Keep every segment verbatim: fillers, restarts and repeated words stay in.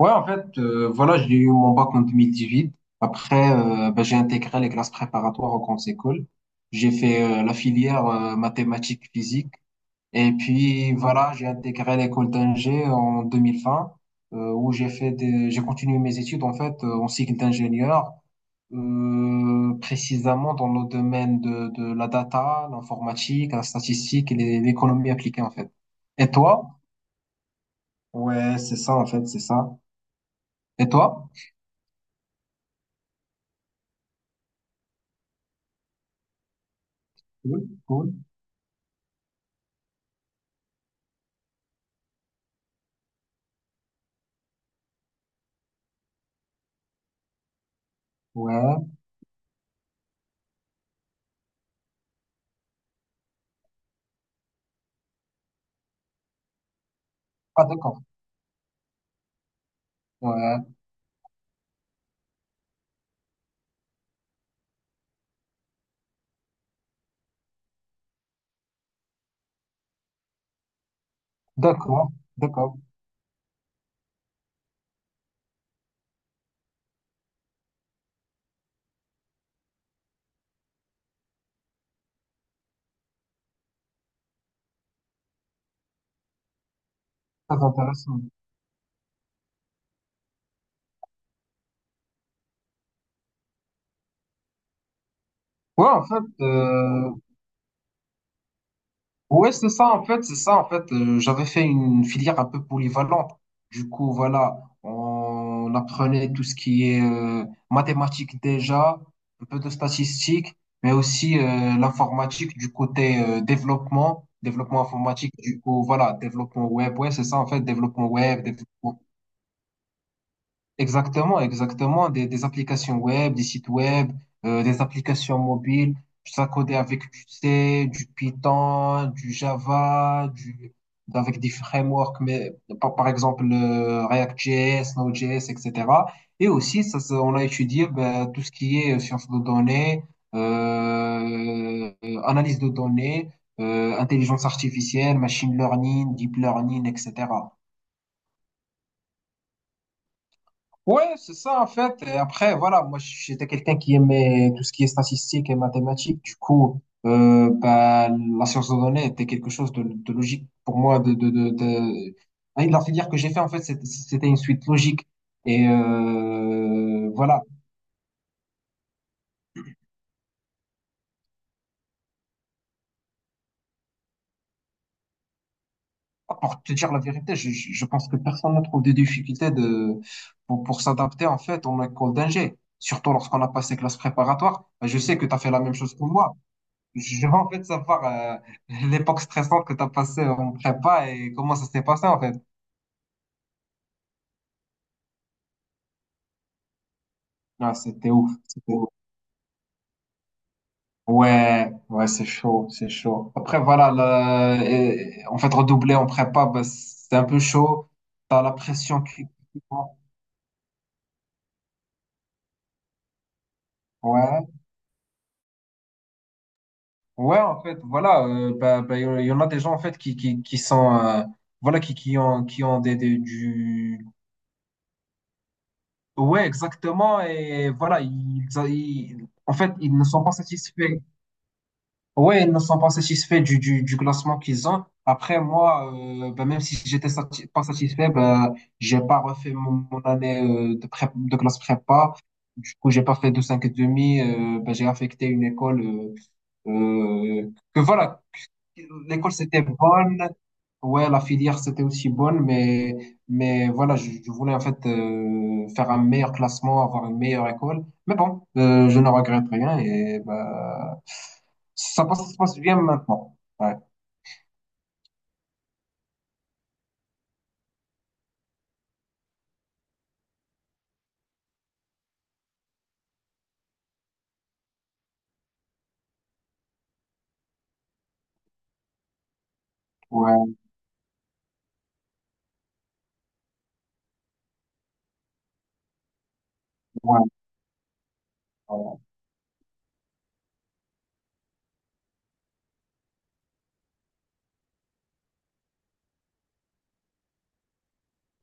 Ouais, en fait, euh, voilà, j'ai eu mon bac en deux mille dix-huit. Après, euh, bah, j'ai intégré les classes préparatoires aux grandes écoles. J'ai fait euh, la filière euh, mathématiques physique. Et puis, voilà, j'ai intégré l'école d'ingé en deux mille vingt, euh, où j'ai fait des... j'ai continué mes études, en fait, euh, en cycle d'ingénieur, euh, précisément dans le domaine de, de la data, l'informatique, la statistique et les- l'économie appliquée, en fait. Et toi? Ouais, c'est ça, en fait, c'est ça. Et toi? Cool, cool. Ouais, ah d'accord. Ouais, d'accord, d'accord. Très intéressant. Ouais, en fait, euh, ouais, c'est ça, en fait, c'est ça, en fait. euh, j'avais fait une filière un peu polyvalente. Du coup, voilà, on apprenait tout ce qui est euh, mathématiques déjà, un peu de statistiques, mais aussi euh, l'informatique du côté euh, développement, développement informatique, du coup, voilà, développement web. Ouais, c'est ça, en fait, développement web, développement. Exactement, exactement. Des, des applications web, des sites web, euh, des applications mobiles. Ça codé avec du C, du Python, du Java, du, avec des frameworks, mais par, par exemple euh, React.js, Node.js, et cetera. Et aussi, ça, ça, on a étudié ben, tout ce qui est euh, sciences de données, euh, euh, analyse de données, euh, intelligence artificielle, machine learning, deep learning, et cetera. Ouais, c'est ça en fait. Et après, voilà, moi j'étais quelqu'un qui aimait tout ce qui est statistique et mathématiques. Du coup, euh, bah, la science de données était quelque chose de, de logique pour moi. De, de, de, de... Ah, la filière que j'ai fait en fait, c'était c'était une suite logique. Et euh, voilà, pour te dire la vérité, je, je je pense que personne ne trouve des difficultés de, pour, pour s'adapter en fait en école d'ingé. Surtout lorsqu'on a passé classe préparatoire. Bah, je sais que tu as fait la même chose que moi. Je veux en fait savoir euh, l'époque stressante que tu as passée en prépa et comment ça s'est passé en fait. Ah, c'était ouf, c'était ouf. Ouais, ouais, c'est chaud, c'est chaud. Après, voilà, le- et- en fait, redoubler en prépa, bah, c'est un peu chaud. T'as la pression qui... qui monte. Ouais, ouais, en fait, voilà, euh, bah, bah, il y en il y en a des gens en fait qui, qui, qui sont, euh, voilà, qui, qui ont, qui ont des, des- du... Ouais, exactement, et voilà, ils, ils- en fait, ils ne sont pas satisfaits. Ouais, ils ne sont pas satisfaits du, du, du classement qu'ils ont. Après, moi, euh, ben, même si j'étais sati- pas satisfait, ben, j'ai pas refait mon, mon année euh, de, prép- de classe prépa. Du coup, j'ai pas fait de cinq virgule cinq. Euh, ben, j'ai affecté une école euh, euh, que voilà. L'école, c'était bonne. Ouais, la filière, c'était aussi bonne, mais, mais voilà, je, je voulais en fait euh, faire un meilleur classement, avoir une meilleure école. Mais bon, euh, je ne regrette rien et bah, ça passe, ça se passe bien maintenant. Ouais, ouais, ouais, ouais.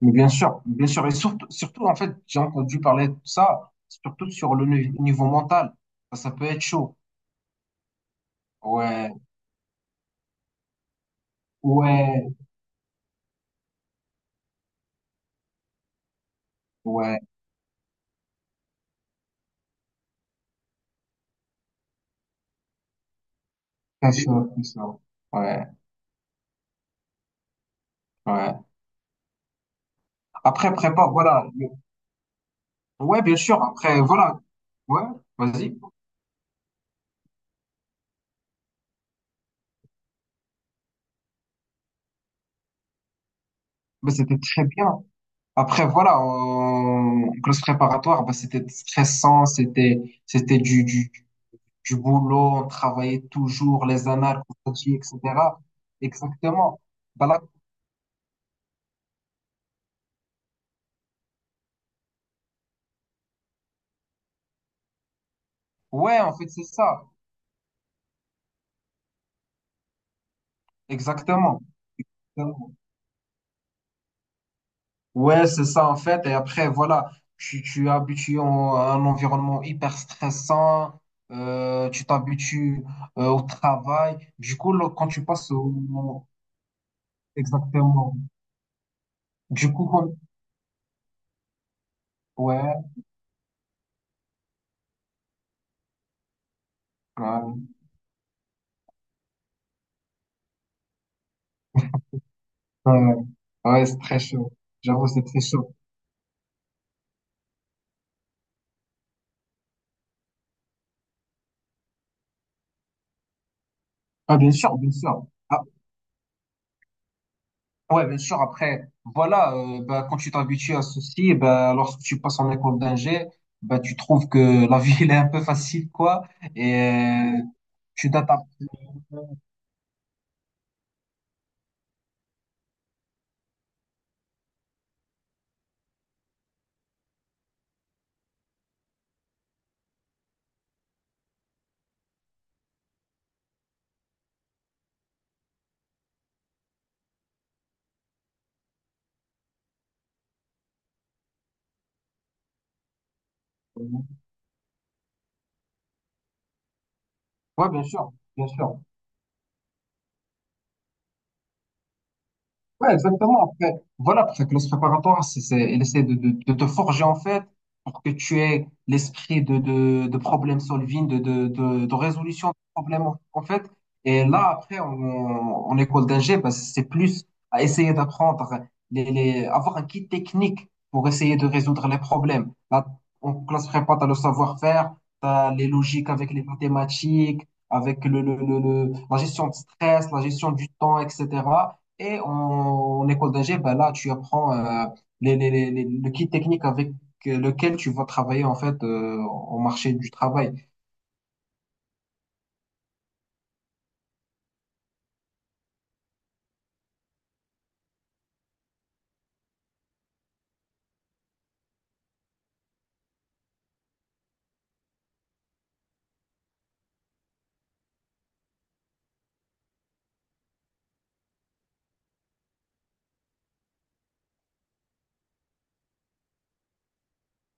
Mais bien sûr, bien sûr. Et surtout, surtout en fait, j'ai entendu parler de ça, surtout sur le nu- niveau mental. Ça, ça peut être chaud. Ouais, ouais, ouais, très chaud, très chaud. Ouais, ouais. Après, prépa, voilà. Ouais, bien sûr. Après, voilà. Ouais, vas-y. Bah, c'était très bien. Après, voilà, en classe préparatoire, bah, c'était stressant, c'était, c'était du, du, du boulot, on travaillait toujours, les annales, comme t'as dit, et cetera. Exactement. Bah, là, ouais, en fait, c'est ça. Exactement. Ouais, c'est ça, en fait. Et après, voilà, tu, tu es habitué en- à un environnement hyper stressant, euh, tu t'habitues euh, au travail. Du coup, là, quand tu passes au... Exactement. Du coup, comme- ouais, ouais, ouais, ouais, c'est très chaud. J'avoue, c'est très chaud. Ah, bien sûr, bien sûr. Ah, ouais, bien sûr. Après, voilà, euh, bah, quand tu t'habitues à ceci, eh bah, lorsque tu passes en école d'ingé, bah, tu trouves que la vie, elle est un peu facile, quoi. Et euh, tu t'adaptes. Ouais, bien sûr, bien sûr. Ouais, exactement. Après, voilà, pour faire que classe préparatoire, c'est, c'est, il essaie de, de, de te forger, en fait, pour que tu aies l'esprit de, de, de problème solving, de, de, de, de résolution de problèmes, en en fait. Et là, après, en, en école d'ingé, bah, c'est plus à essayer d'apprendre, les, les, avoir un kit technique pour essayer de résoudre les problèmes. Là, en classe prépa, t'as le savoir-faire, t'as les logiques avec les mathématiques, avec le, le, le, le- la gestion de stress, la gestion du temps, et cetera. Et en, en école d'ingé, ben là, tu apprends euh, les, les, les- les- le kit technique avec euh, lequel tu vas travailler en fait euh, au marché du travail.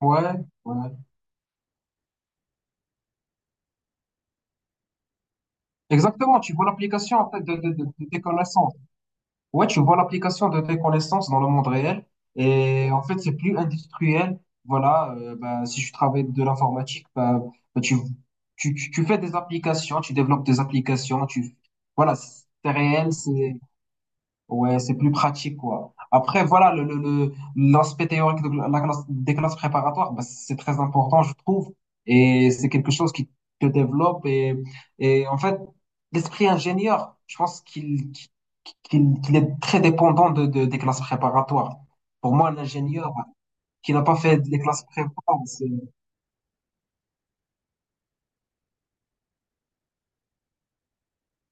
Ouais, ouais. Exactement, tu vois l'application en fait de, de, de, de tes connaissances. Ouais, tu vois l'application de tes connaissances dans le monde réel. Et en fait, c'est plus industriel. Voilà, euh, ben, si tu travailles de l'informatique, ben, ben, tu, tu, tu tu fais des applications, tu développes des applications, tu, voilà, c'est réel, c'est... Ouais, c'est plus pratique, quoi. Après, voilà, le, le, le- l'aspect théorique de la classe, des classes préparatoires, bah, c'est très important, je trouve. Et c'est quelque chose qui te développe. Et, et en fait, l'esprit ingénieur, je pense qu'il qu'il, qu'il est très dépendant de, de- des classes préparatoires. Pour moi, un ingénieur qui n'a pas fait les classes préparatoires, c'est...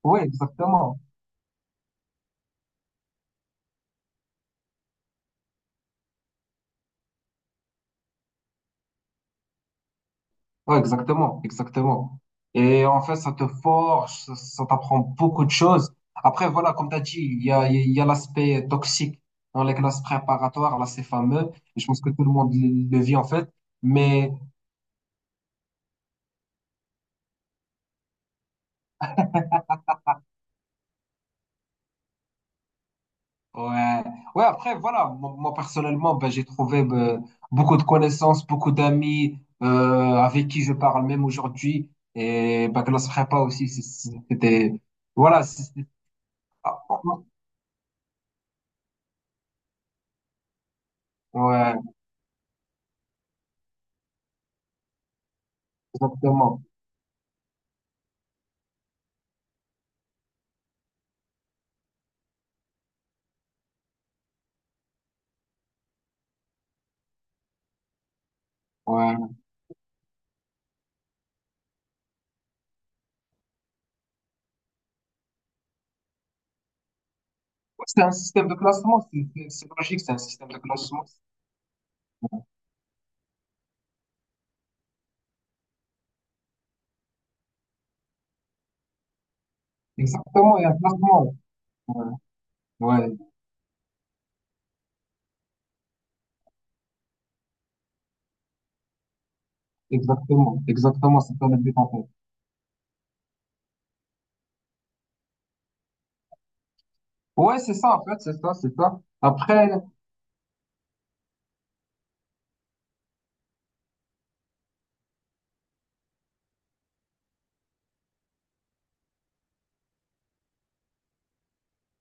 Oui, exactement. Ouais, exactement, exactement. Et en fait, ça te forge, ça, ça t'apprend beaucoup de choses. Après, voilà, comme tu as dit, il y a, il y a l'aspect toxique dans les classes préparatoires, là, c'est fameux. Et je pense que tout le monde le, le vit, en fait. Mais, ouais, ouais, après, voilà, moi, moi, personnellement, ben, j'ai trouvé ben, beaucoup de connaissances, beaucoup d'amis euh, avec qui je parle même aujourd'hui. Et ben, classe prépa aussi, c'est- c'était, voilà, c'est- c'est- ah, ah, ah. Ouais, exactement. Ouais. C'est un système de classement, c'est c'est- c'est logique, c'est un système de classement. Exactement, il y a un classement. Ouais, ouais, exactement, exactement, c'est un but en fait. Ouais, c'est ça en fait, c'est ça, c'est ça. Après,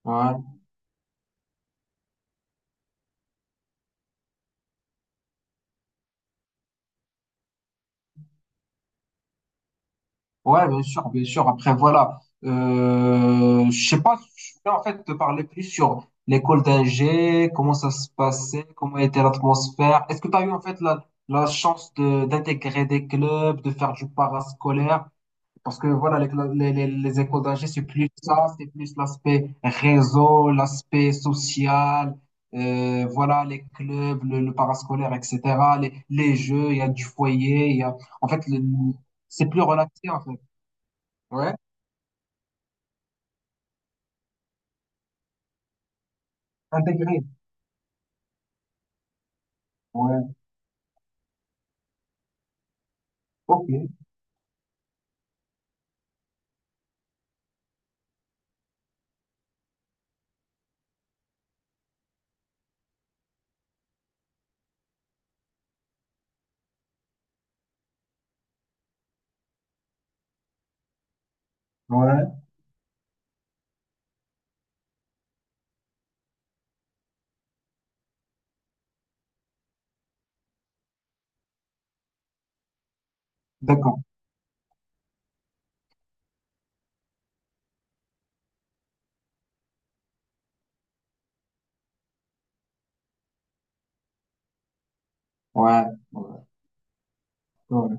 ouais, ouais, bien sûr, bien sûr. Après, voilà, euh, je sais pas, je voulais en fait te parler plus sur l'école d'ingé, comment ça se passait, comment était l'atmosphère. Est-ce que tu as eu en fait la, la chance de d'intégrer des clubs, de faire du parascolaire? Parce que voilà, les, cla- les, les- les écoles d'ingé, c'est plus ça, c'est plus l'aspect réseau, l'aspect social, euh, voilà, les clubs, le, le parascolaire, et cetera, les, les jeux, il y a du foyer, il y a... En fait, le- c'est plus relaxé, en fait. Ouais, intégré. Ouais, ok. Ouais, d'accord. Ouais, ouais, ouais.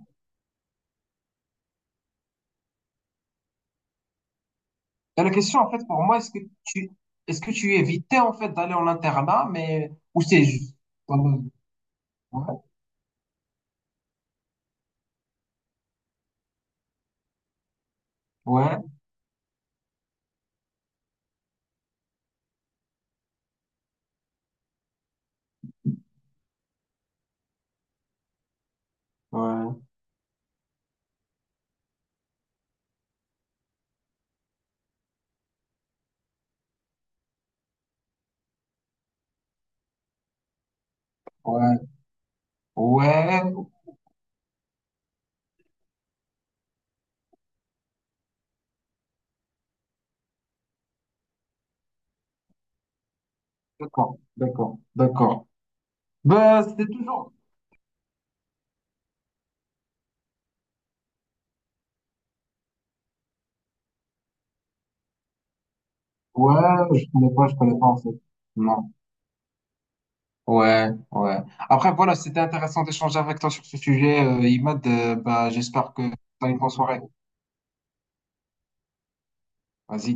Et la question, en fait, pour moi, est-ce que tu, est-ce que tu, évitais, en fait, d'aller en internat, mais, ou c'est juste... Ouais, ouais, ouais, ouais. Ouais, d'accord, d'accord, d'accord. Bah, c'était toujours. Ouais, je connais pas, je connais pas en fait. Non. Ouais, ouais. Après, voilà, c'était intéressant d'échanger avec toi sur ce sujet, euh, Imad. Euh, bah, j'espère que t'as une bonne soirée. Vas-y.